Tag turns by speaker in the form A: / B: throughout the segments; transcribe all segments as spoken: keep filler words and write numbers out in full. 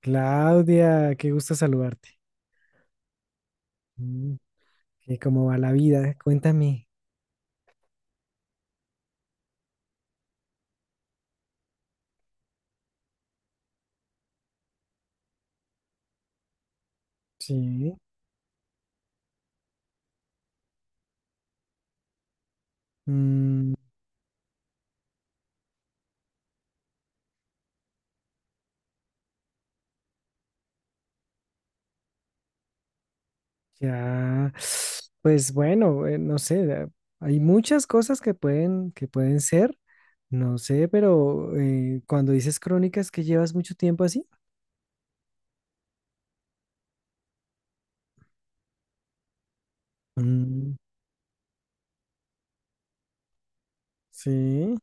A: Claudia, qué gusto saludarte. Mm, ¿qué- ¿Cómo va la vida? Cuéntame. Sí. Mm, ya, pues bueno, eh, no sé, eh, hay muchas cosas que pueden, que pueden ser, no sé, pero eh, cuando dices crónicas que llevas mucho tiempo así. Mm, sí.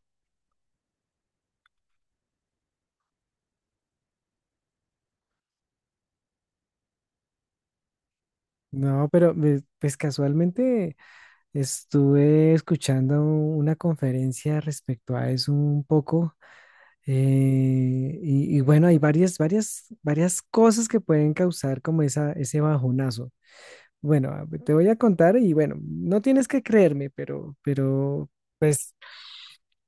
A: No, pero eh, pues casualmente estuve escuchando una conferencia respecto a eso un poco. Eh, y, y bueno, hay varias, varias, varias cosas que pueden causar como esa, ese bajonazo. Bueno, a- te voy a contar y bueno, no tienes que creerme, pero, pero, pues,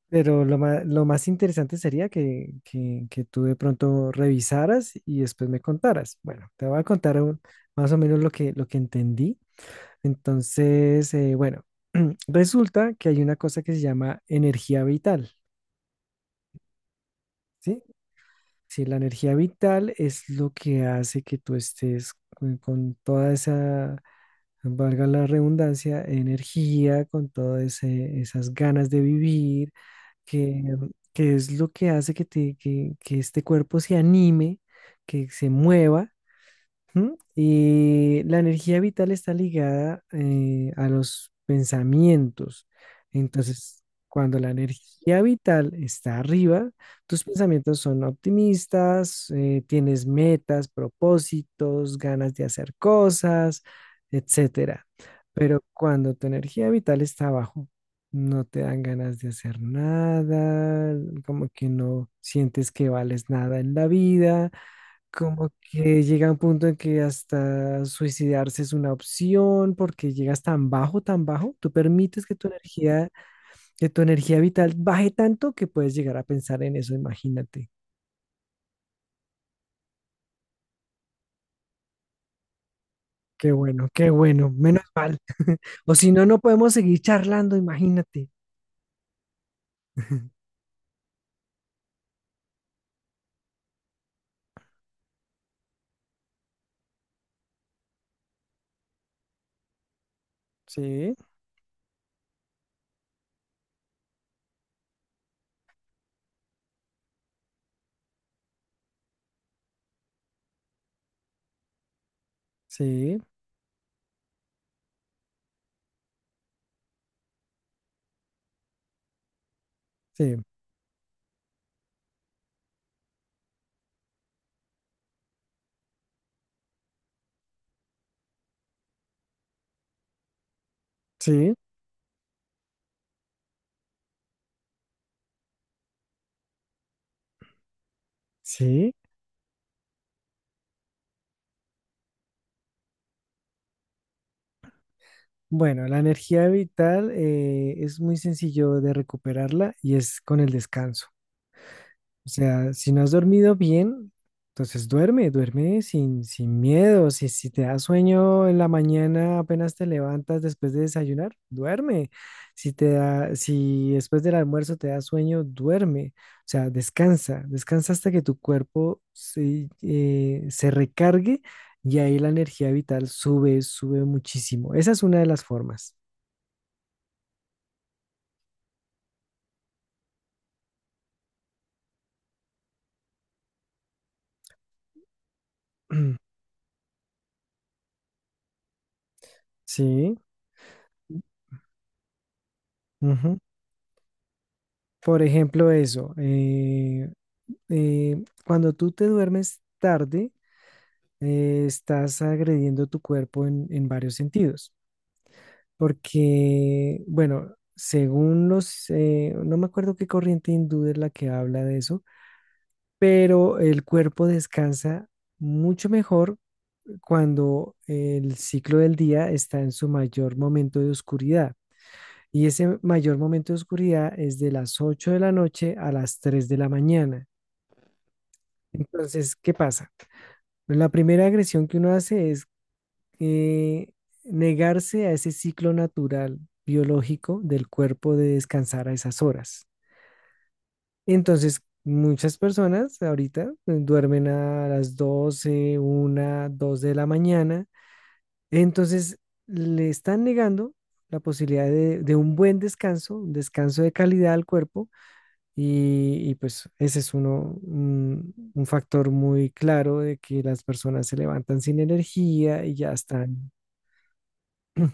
A: pero lo más, lo más interesante sería que, que, que tú de pronto revisaras y después me contaras. Bueno, te voy a contar un- más o menos lo que, lo que entendí. Entonces, eh, bueno, resulta que hay una cosa que se llama energía vital. ¿Sí? Sí, la energía vital es lo que hace que tú estés con, con toda esa, valga la redundancia, energía, con todas esas ganas de vivir, que, que es lo que hace que, te, que, que este cuerpo se anime, que se mueva. ¿Mm? Y la energía vital está ligada eh, a los pensamientos. Entonces, cuando la energía vital está arriba, tus pensamientos son optimistas, eh, tienes metas, propósitos, ganas de hacer cosas, etcétera. Pero cuando tu energía vital está abajo, no te dan ganas de hacer nada, como que no sientes que vales nada en la vida, como que llega un punto en que hasta suicidarse es una opción porque llegas tan bajo, tan bajo, tú permites que tu energía, que tu energía vital baje tanto que puedes llegar a pensar en eso, imagínate. Qué bueno, qué bueno, menos mal. O si no, no podemos seguir charlando, imagínate. Sí, sí, sí, sí, sí. Bueno, la energía vital eh, es muy sencillo de recuperarla y es con el descanso. O sea, si no has dormido bien, entonces duerme, duerme sin, sin miedo. Si, si te da sueño en la mañana, apenas te levantas después de desayunar, duerme. Si te da, si después del almuerzo te da sueño, duerme. O sea, descansa, descansa hasta que tu cuerpo se, eh, se recargue y ahí la energía vital sube, sube muchísimo. Esa es una de las formas. Sí. Ujú. Por ejemplo, eso. eh, eh, Cuando tú te duermes tarde, eh, estás agrediendo tu cuerpo en, en varios sentidos, porque, bueno, según los, eh, no me acuerdo qué corriente hindú es la que habla de eso, pero el cuerpo descansa mucho mejor cuando el ciclo del día está en su mayor momento de oscuridad. Y ese mayor momento de oscuridad es de las ocho de la noche a las tres de la mañana. Entonces, ¿qué pasa? La primera agresión que uno hace es eh, negarse a ese ciclo natural biológico del cuerpo de descansar a esas horas. Entonces, muchas personas ahorita eh, duermen a las doce una dos de la mañana. Entonces, le están negando la posibilidad de, de un buen descanso, un descanso de calidad al cuerpo y, y, pues ese es uno, un, un factor muy claro de que las personas se levantan sin energía y ya están.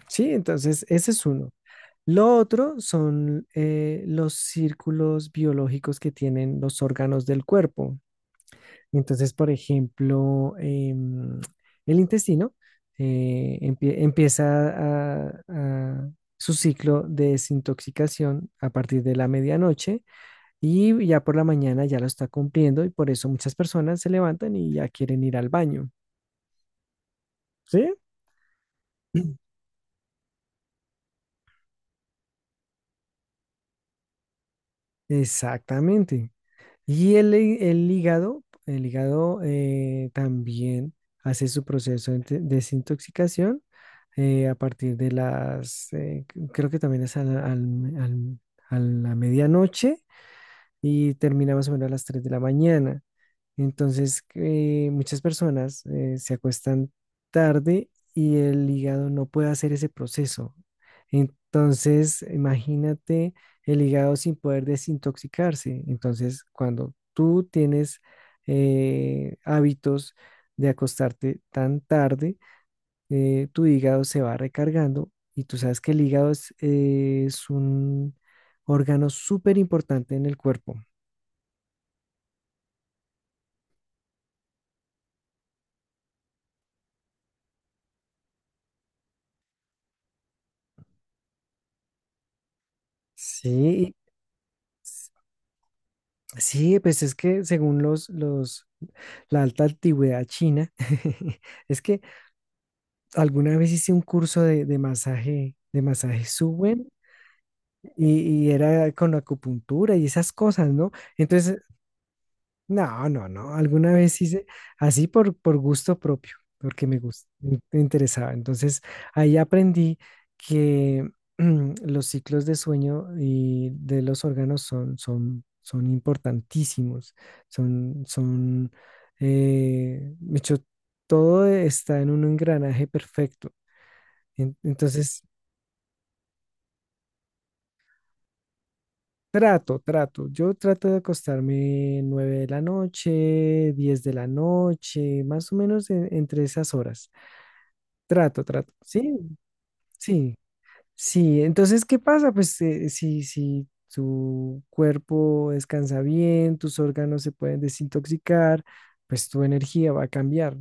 A: Sí, entonces ese es uno. Lo otro son eh, los círculos biológicos que tienen los órganos del cuerpo. Entonces, por ejemplo, em, el intestino eh, empie- empieza a, a su ciclo de desintoxicación a partir de la medianoche y ya por la mañana ya lo está cumpliendo y por eso muchas personas se levantan y ya quieren ir al baño. ¿Sí? Exactamente. Y el, hí- el hígado, el hígado eh, también hace su proceso de te- desintoxicación eh, a partir de las, eh, c- creo que también es a la, al- al- a la medianoche y termina más o menos a las tres de la mañana. Entonces, eh, muchas personas eh, se acuestan tarde y el hígado no puede hacer ese proceso. Entonces, imagínate el hígado sin poder desintoxicarse. Entonces, cuando tú tienes eh, hábitos de acostarte tan tarde, eh, tu hígado se va recargando y tú sabes que el hígado es, eh, es un órgano súper importante en el cuerpo. Sí, sí, pues es que según los, los, la alta antigüedad china, es que alguna vez hice un curso de, de masaje, de masaje suwen y, y era con acupuntura y esas cosas, ¿no? Entonces no, no, no. Alguna vez hice así por, por gusto propio, porque me gust- me interesaba. Entonces, ahí aprendí que mm, los ciclos de sueño y de los órganos son, son, son importantísimos. Son, son, eh, de hecho, todo está en un engranaje perfecto. En- Entonces, trato, trato. Yo trato de acostarme nueve de la noche, diez de la noche, más o menos en- entre esas horas. Trato, trato. Sí, sí, sí. Entonces, ¿qué pasa? Pues eh, si, si tu cuerpo descansa bien, tus órganos se pueden desintoxicar, pues tu energía va a cambiar.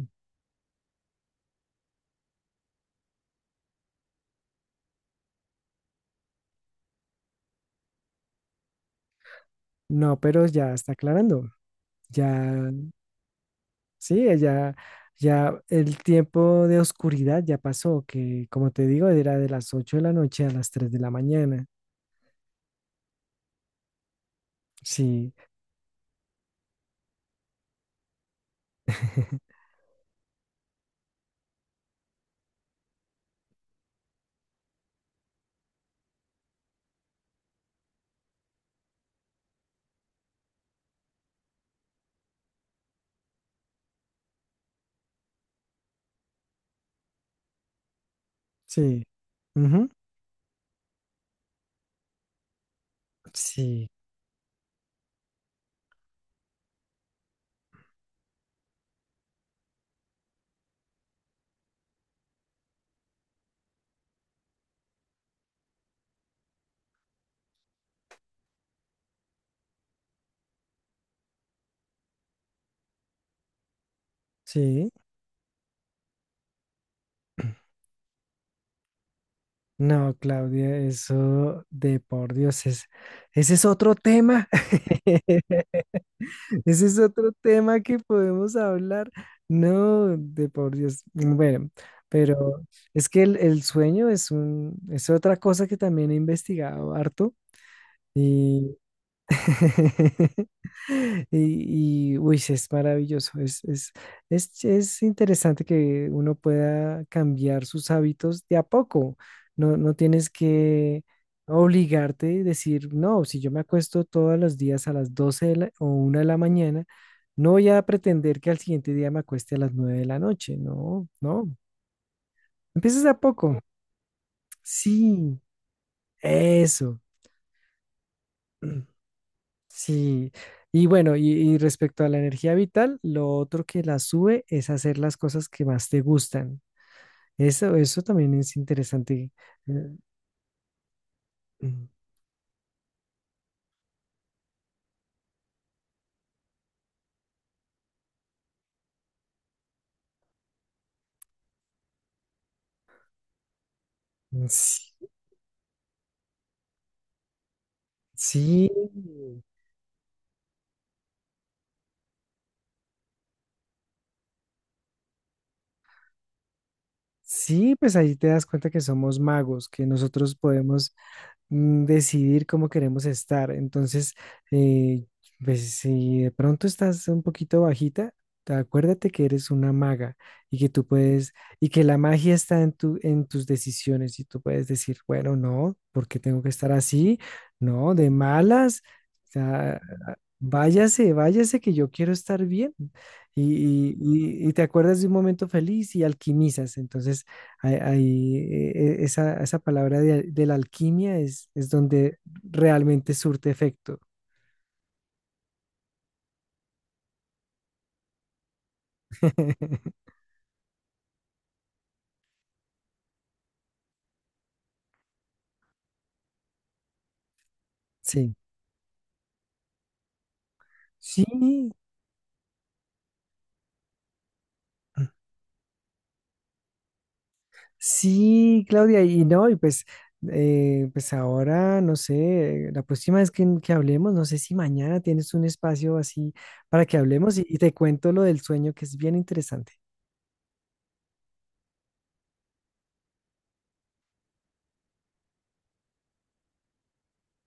A: No, pero ya está aclarando. Ya Sí, ella, ya el tiempo de oscuridad ya pasó, que como te digo, era de las ocho de la noche a las tres de la mañana. Sí, sí. Ujú. Sí, sí. No, Claudia, eso de por Dios es, ese es otro tema. Ese es otro tema que podemos hablar. No, de por Dios. Bueno, pero es que el, el sueño es un, es otra cosa que también he investigado harto. Y, y, uy, sí, es maravilloso. Es, es, es, es interesante que uno pueda cambiar sus hábitos de a poco. No, no tienes que obligarte y decir, no, si yo me acuesto todos los días a las doce de la- o una de la mañana, no voy a pretender que al siguiente día me acueste a las nueve de la noche. No, no. Empiezas de a poco. Sí, eso. Sí, y bueno, y, y respecto a la energía vital, lo otro que la sube es hacer las cosas que más te gustan. Eso, eso también es interesante. eh, Mm, mm, sí, sí, sí, pues ahí te das cuenta que somos magos, que nosotros podemos mm, decidir cómo queremos estar. Entonces, eh, pues, si de pronto estás un poquito bajita, te- acuérdate que eres una maga y que tú puedes, y que la magia está en tu, en tus decisiones y tú puedes decir, bueno, no, ¿porque tengo que estar así? No, de malas. O sea, váyase, váyase que yo quiero estar bien. Y, y- y- y te acuerdas de un momento feliz y alquimizas. Entonces, Ahí, ahí, eh, esa, esa palabra de, de la alquimia es, es donde realmente surte efecto. Sí. Sí, sí, Claudia, y no, y pues, eh, pues ahora, no sé, eh, la próxima vez que, que hablemos, no sé si mañana tienes un espacio así para que hablemos y, y te cuento lo del sueño, que es bien interesante.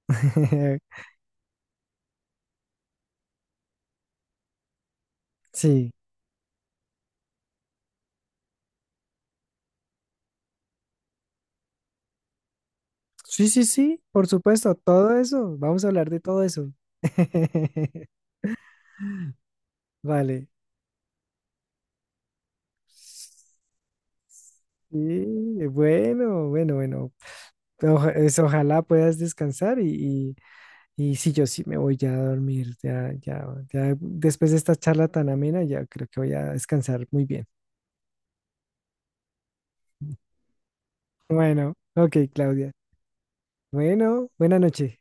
A: Sí, sí, sí, sí, por supuesto, todo eso, vamos a hablar de todo eso. Vale. Sí, bueno, bueno, bueno. Oja- es- ojalá puedas descansar y, y, y sí, yo sí me voy ya a dormir. Ya, ya, ya después de esta charla tan amena, ya creo que voy a descansar muy bien. Bueno, ok, Claudia. Bueno, buena noche.